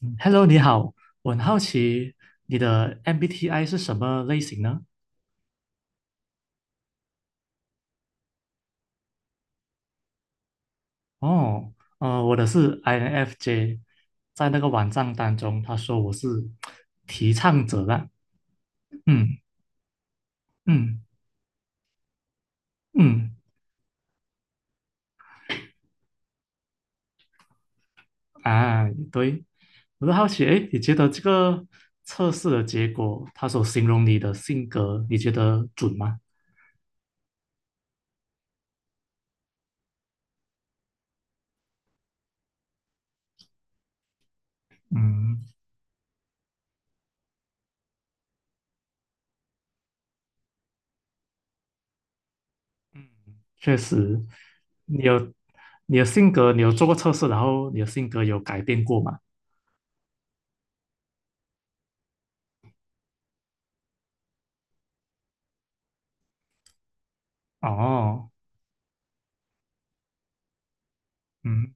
嗯 Hello，你好，我很好奇你的 MBTI 是什么类型呢？哦，我的是 INFJ，在那个网站当中，他说我是提倡者啦。嗯嗯嗯，啊，对，我就好奇，哎，你觉得这个测试的结果，他所形容你的性格，你觉得准吗？嗯嗯，确实，你有你的性格，你有做过测试，然后你的性格有改变过吗？哦。嗯，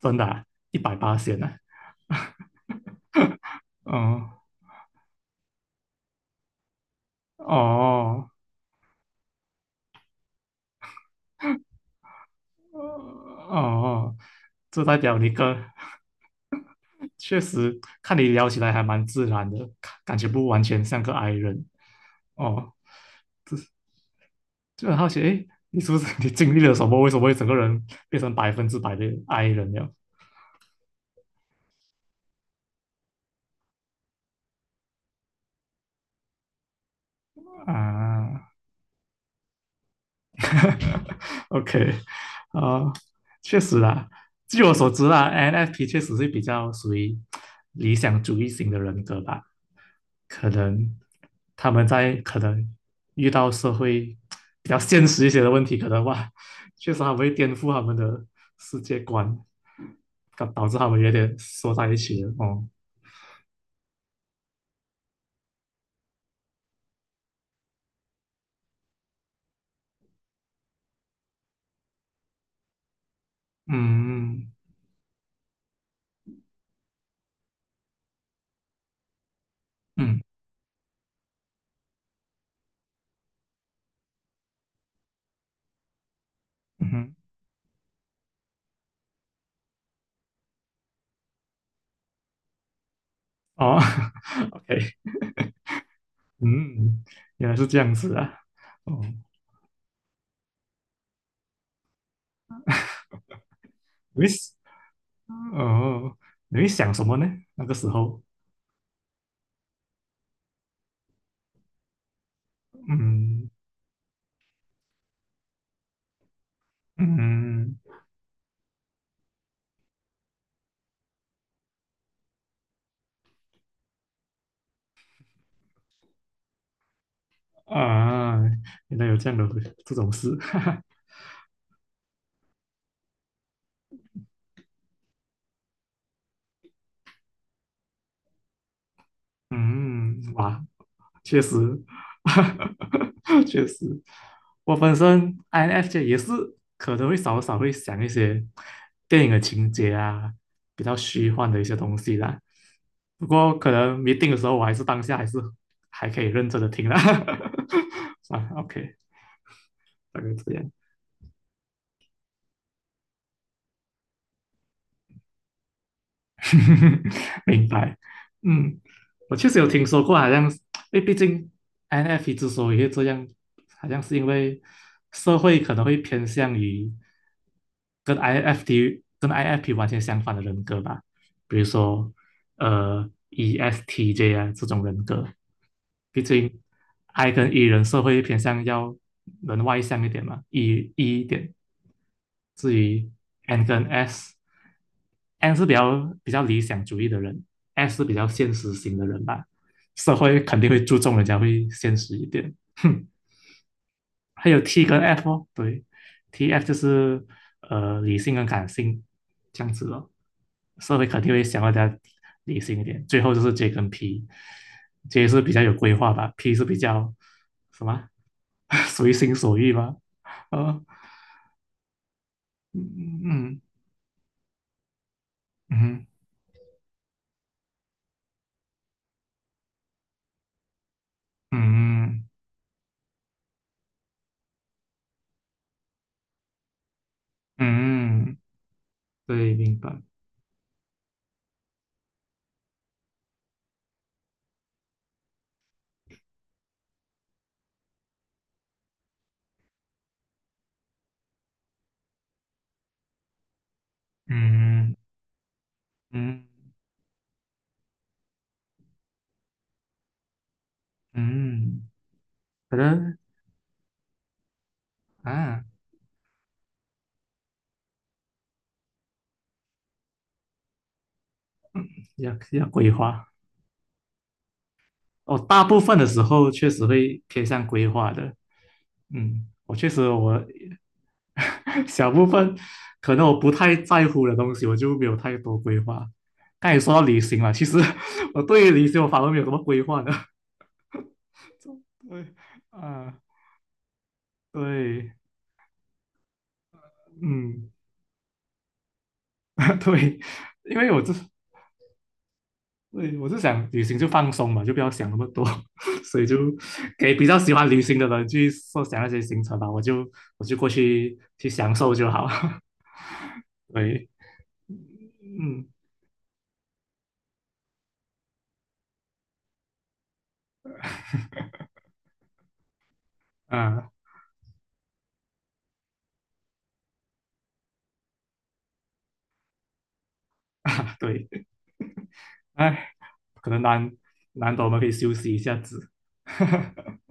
真的啊，一百八仙呢？哦哦哦，哦，这代表你跟 确实看你聊起来还蛮自然的，看感觉不完全像个 i 人哦。就很好奇，诶，你是不是 你经历了什么？为什么会整个人变成百分之百的 i 人了啊 ？OK， 啊，确实啦，据我所知啦，NFP 确实是比较属于理想主义型的人格吧。可能他们在可能遇到社会比较现实一些的问题，可能哇，确实他们会颠覆他们的世界观，导致他们有点缩在一起了哦。嗯嗯嗯哼，哦 ，OK，嗯，原来是这样子啊。哦，你会哦，你会想什么呢？那个时候，嗯嗯，啊，原来有这样的这种事，哈哈，嗯，哇，确实，确实，我本身 INFJ 也是可能会少少会想一些电影的情节啊，比较虚幻的一些东西啦。不过可能没定的时候，我还是当下还是还可以认真的听啦。了 OK 大概这样，明白。嗯，我确实有听说过，好像因为毕竟 INFP 之所以会这样，好像是因为社会可能会偏向于。跟 INFT 跟 INFP 完全相反的人格吧，比如说呃 ESTJ 啊这种人格，毕竟 I 跟 E 人社会偏向要人外向一点嘛，E E 一点。至于 N 跟 S，N 是比较比较理想主义的人，S 是比较现实型的人吧，社会肯定会注重人家会现实一点。哼，还有 T 跟 F 哦，对，T F 就是呃理性跟感性这样子了。社会肯定会想要大家理性一点。最后就是 J 跟 P，J 是比较有规划吧，P 是比较什么 随心所欲吧？呃，嗯嗯嗯嗯嗯，嗯对，明白。嗯嗯嗯，可能啊，要要规划。哦，大部分的时候确实会偏向规划的。嗯，我确实我 小部分可能我不太在乎的东西，我就没有太多规划。刚才也说到旅行了，其实 我对于旅行我反而没有什么规划的。对，啊，对，嗯，对，因为我就是，对，我就想旅行就放松嘛，就不要想那么多，所以就给比较喜欢旅行的人去设想那些行程吧，我就过去去享受就好。对，嗯，啊 对，哎。可能难得我们可以休息一下子。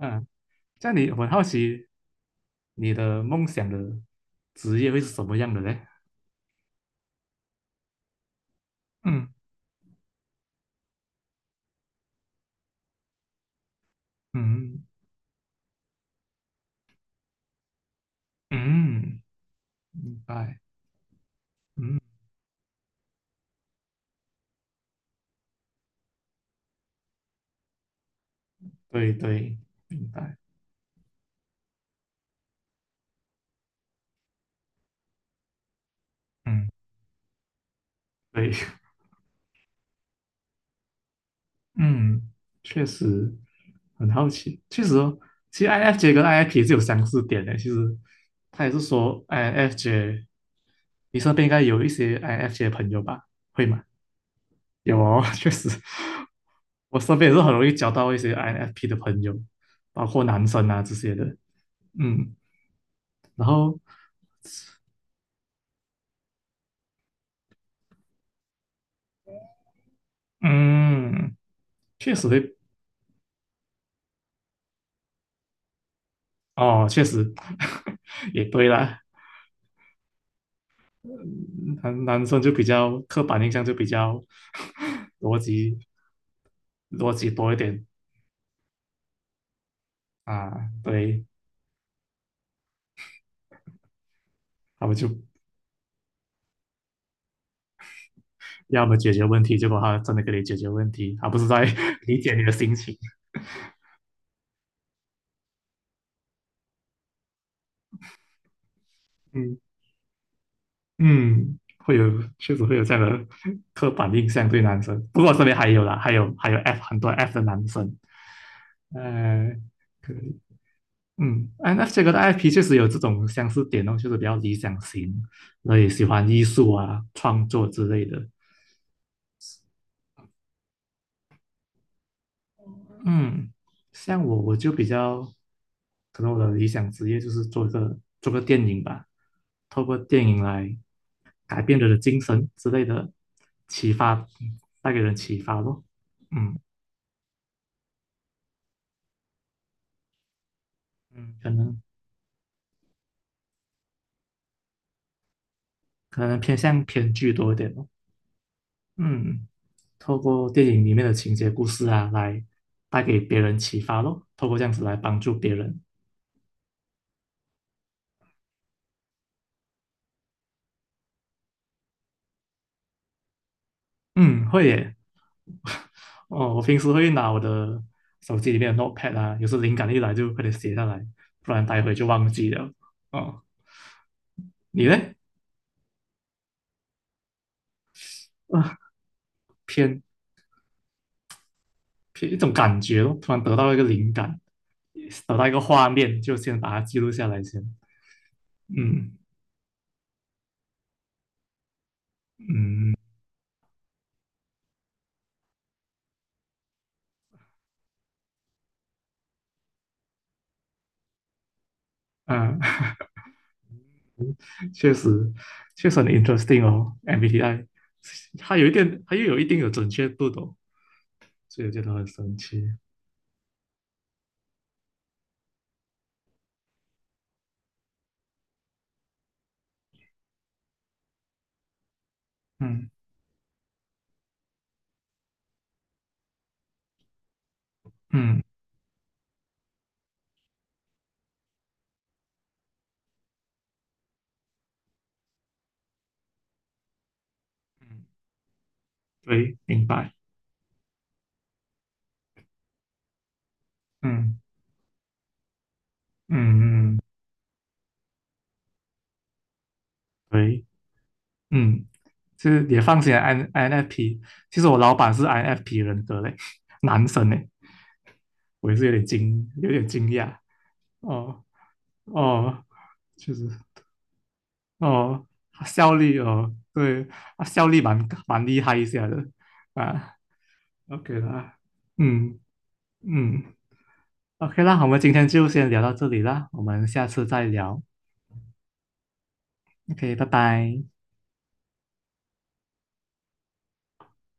嗯，这样你我很好奇，你的梦想的职业会是什么样的嘞？嗯嗯嗯，明白。嗯，对对，明白。嗯，对，嗯，确实很好奇。确实哦，其实 i N f j 跟 INFP 是有相似点的。其实他也是说 i N f j 你身边应该有一些 i N f j 的朋友吧？会吗？有哦，确实，我身边也是很容易交到一些 INFP 的朋友，包括男生啊这些的。嗯，然后嗯，确实会哦，确实 也对啦。男生就比较刻板印象就比较 逻辑逻辑多一点啊，对，他们就要么解决问题，结果他真的给你解决问题，而不是在 理解你的心情。嗯嗯，会有，确实会有这样的 刻板印象对男生。不过我身边还有啦，还有 F 很多 F 的男生，呃，可以，嗯 n f 这个的 IP 确实有这种相似点哦，就是比较理想型，然后也喜欢艺术啊、创作之类的。嗯，像我就比较，可能我的理想职业就是做个电影吧，透过电影来改变人的精神之类的启发，带给人启发咯。嗯嗯，可能偏向偏剧多一点咯。嗯，透过电影里面的情节故事啊，来带给别人启发咯，透过这样子来帮助别人。嗯，会耶。哦，我平时会拿我的手机里面的 Notepad 啊，有时灵感一来就快点写下来，不然待会就忘记了。哦，你嘞？啊，偏偏一种感觉咯，突然得到一个灵感，找到一个画面，就先把它记录下来先。嗯嗯嗯，确实确实很 interesting 哦，MBTI，它有一点，它又有一定的准确度的哦，所以我觉得很神奇。嗯嗯嗯，对，明白。嗯嗯嗯，对，嗯，就是也放心，INFP。其实我老板是 INFP 人格嘞，男生嘞，我也是有点惊讶。哦哦，确实，哦，啊效率哦，对，啊效率蛮厉害一下的啊，OK 啦，嗯嗯，OK 啦，我们今天就先聊到这里啦，我们下次再聊，OK，拜拜。